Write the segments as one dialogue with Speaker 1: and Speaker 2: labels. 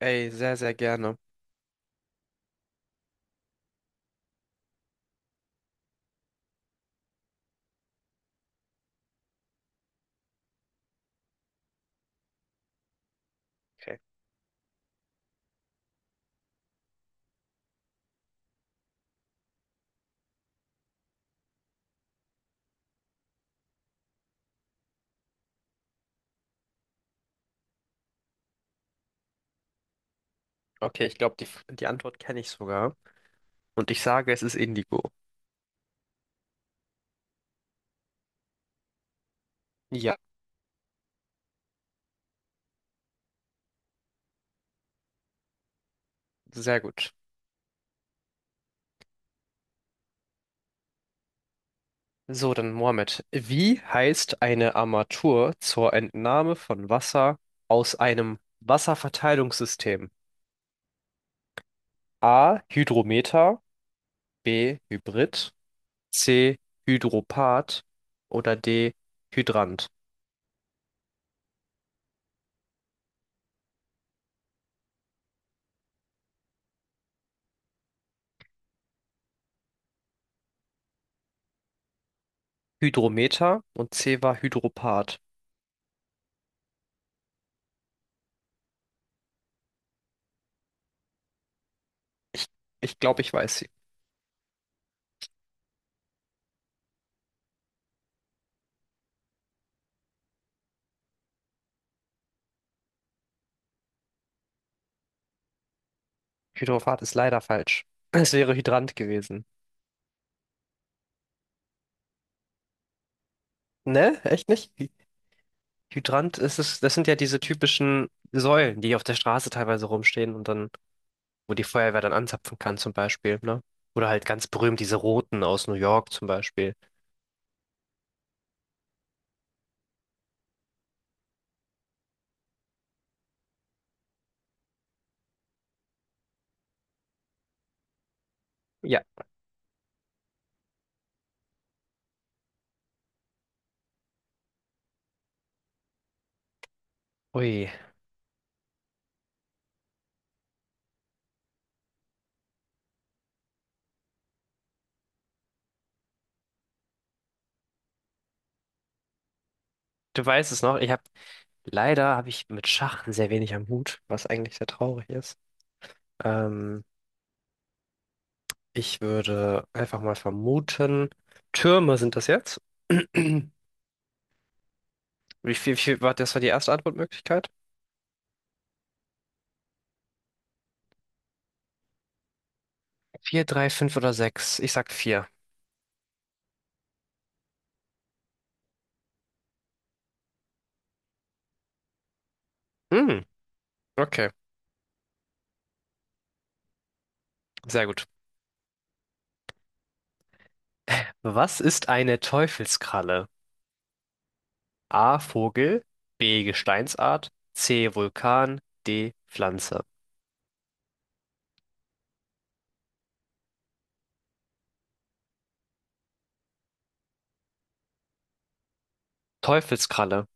Speaker 1: Ey, sehr, sehr gerne. Okay, ich glaube, die Antwort kenne ich sogar. Und ich sage, es ist Indigo. Ja, sehr gut. So, dann Mohammed. Wie heißt eine Armatur zur Entnahme von Wasser aus einem Wasserverteilungssystem? A. Hydrometer, B. Hybrid, C. Hydropath oder D. Hydrant. Hydrometer und C war Hydropath. Ich, ich glaube, ich weiß sie. Hydropath ist leider falsch. Es wäre Hydrant gewesen. Ne? Echt nicht? Hydrant ist es, das sind ja diese typischen Säulen, die auf der Straße teilweise rumstehen, und dann, wo die Feuerwehr dann anzapfen kann, zum Beispiel, ne? Oder halt ganz berühmt diese roten aus New York zum Beispiel. Ja. Ui, du weißt es noch. Ich habe leider habe ich mit Schach sehr wenig am Hut, was eigentlich sehr traurig ist. Ähm, Ich würde einfach mal vermuten, Türme sind das jetzt. Wie viel war die erste Antwortmöglichkeit? Vier, drei, fünf oder sechs. Ich sag vier. Hm, okay. Sehr gut. Was ist eine Teufelskralle? A. Vogel, B. Gesteinsart, C. Vulkan, D. Pflanze. Teufelskralle.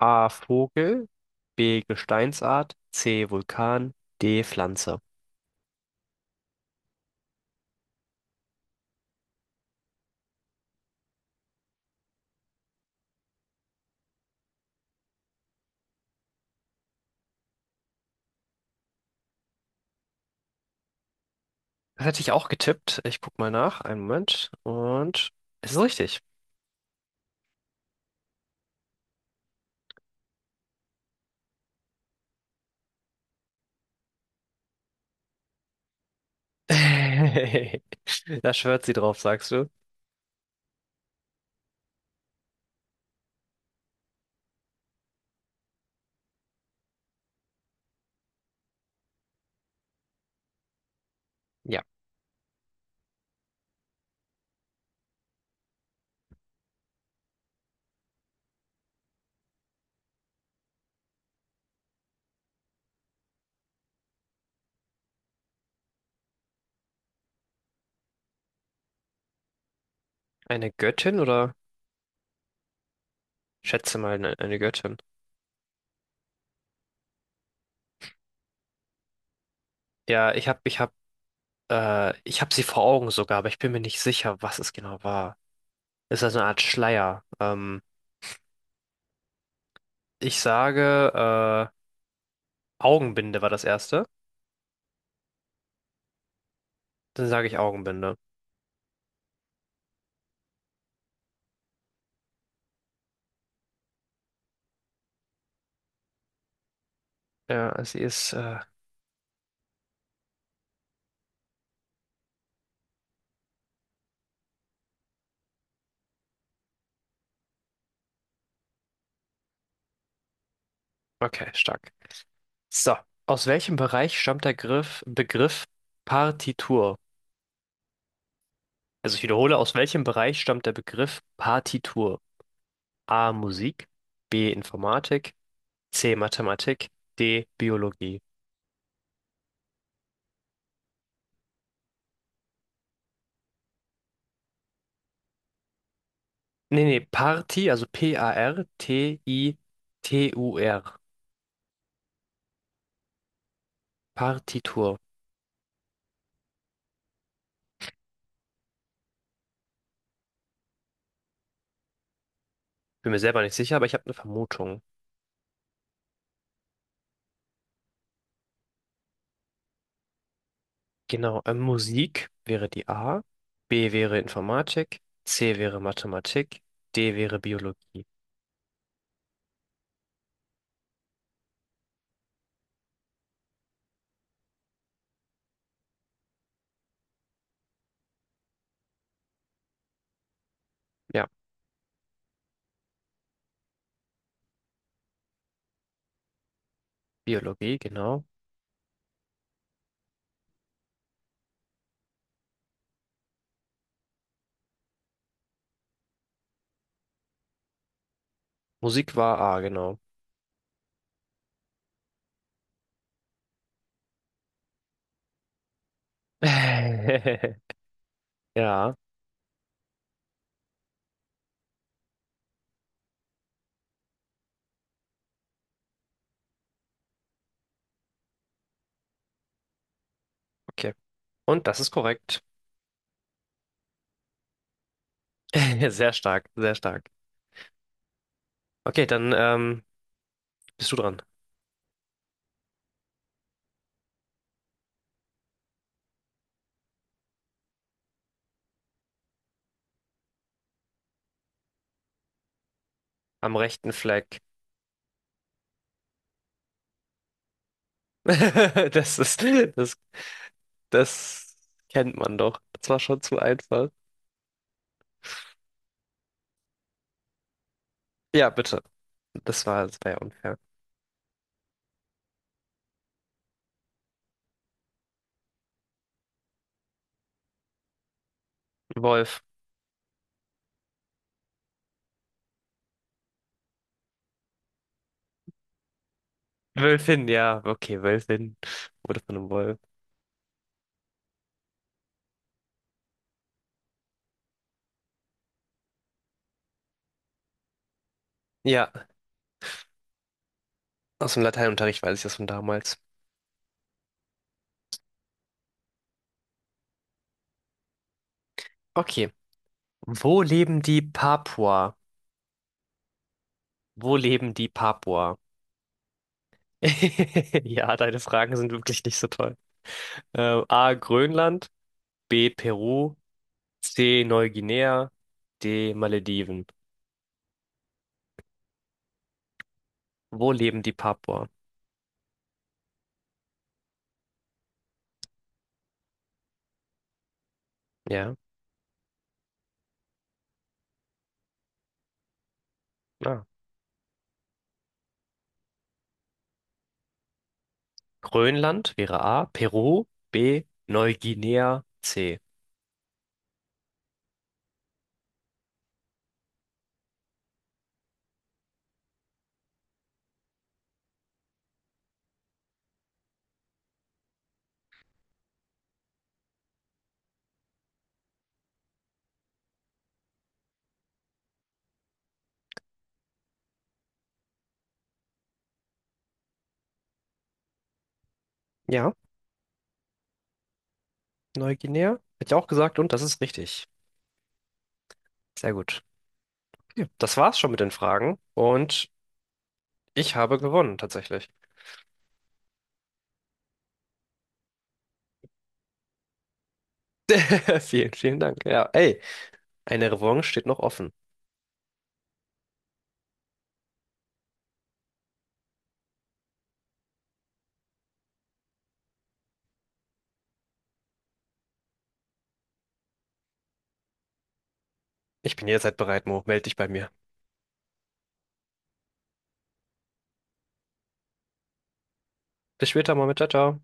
Speaker 1: A. Vogel, B. Gesteinsart, C. Vulkan, D. Pflanze. Das hätte ich auch getippt. Ich guck mal nach. Einen Moment. Und es ist richtig. Da schwört sie drauf, sagst du? Ja. Eine Göttin oder schätze mal eine Göttin? Ja, ich habe sie vor Augen sogar, aber ich bin mir nicht sicher, was es genau war. Es ist also eine Art Schleier. Ich sage, Augenbinde war das erste. Dann sage ich Augenbinde. Ja, sie ist, okay, stark. So, aus welchem Bereich stammt der Begriff Partitur? Also ich wiederhole, aus welchem Bereich stammt der Begriff Partitur? A. Musik, B. Informatik, C. Mathematik, D. Biologie. Nee, nee, Party, also P-A-R-T-I-T-U-R. Partitur. Bin mir selber nicht sicher, aber ich habe eine Vermutung. Genau, Musik wäre die A, B wäre Informatik, C wäre Mathematik, D wäre Biologie. Ja, Biologie, genau. Musik war A, genau. Ja, okay. Und das ist korrekt. Sehr stark, sehr stark. Okay, dann bist du dran. Am rechten Fleck. Das ist, das Das kennt man doch. Das war schon zu einfach. Ja, bitte. Das war ja unfair. Wolf. Wölfin, ja. Okay, Wölfin wurde von einem Wolf. Ja, aus dem Lateinunterricht weiß ich das von damals. Okay. Wo leben die Papua? Wo leben die Papua? Ja, deine Fragen sind wirklich nicht so toll. A. Grönland, B. Peru, C. Neuguinea, D. Malediven. Wo leben die Papua? Ja. Ah. Grönland wäre A, Peru B, Neuguinea C. Ja, Neuguinea hätte ich auch gesagt, und das ist richtig. Sehr gut. Okay. Das war's schon mit den Fragen, und ich habe gewonnen tatsächlich. Vielen, vielen Dank. Ja, ey, eine Revanche steht noch offen. Ich bin jederzeit bereit, Mo. Meld dich bei mir. Bis später, mal mit. Ciao, ciao.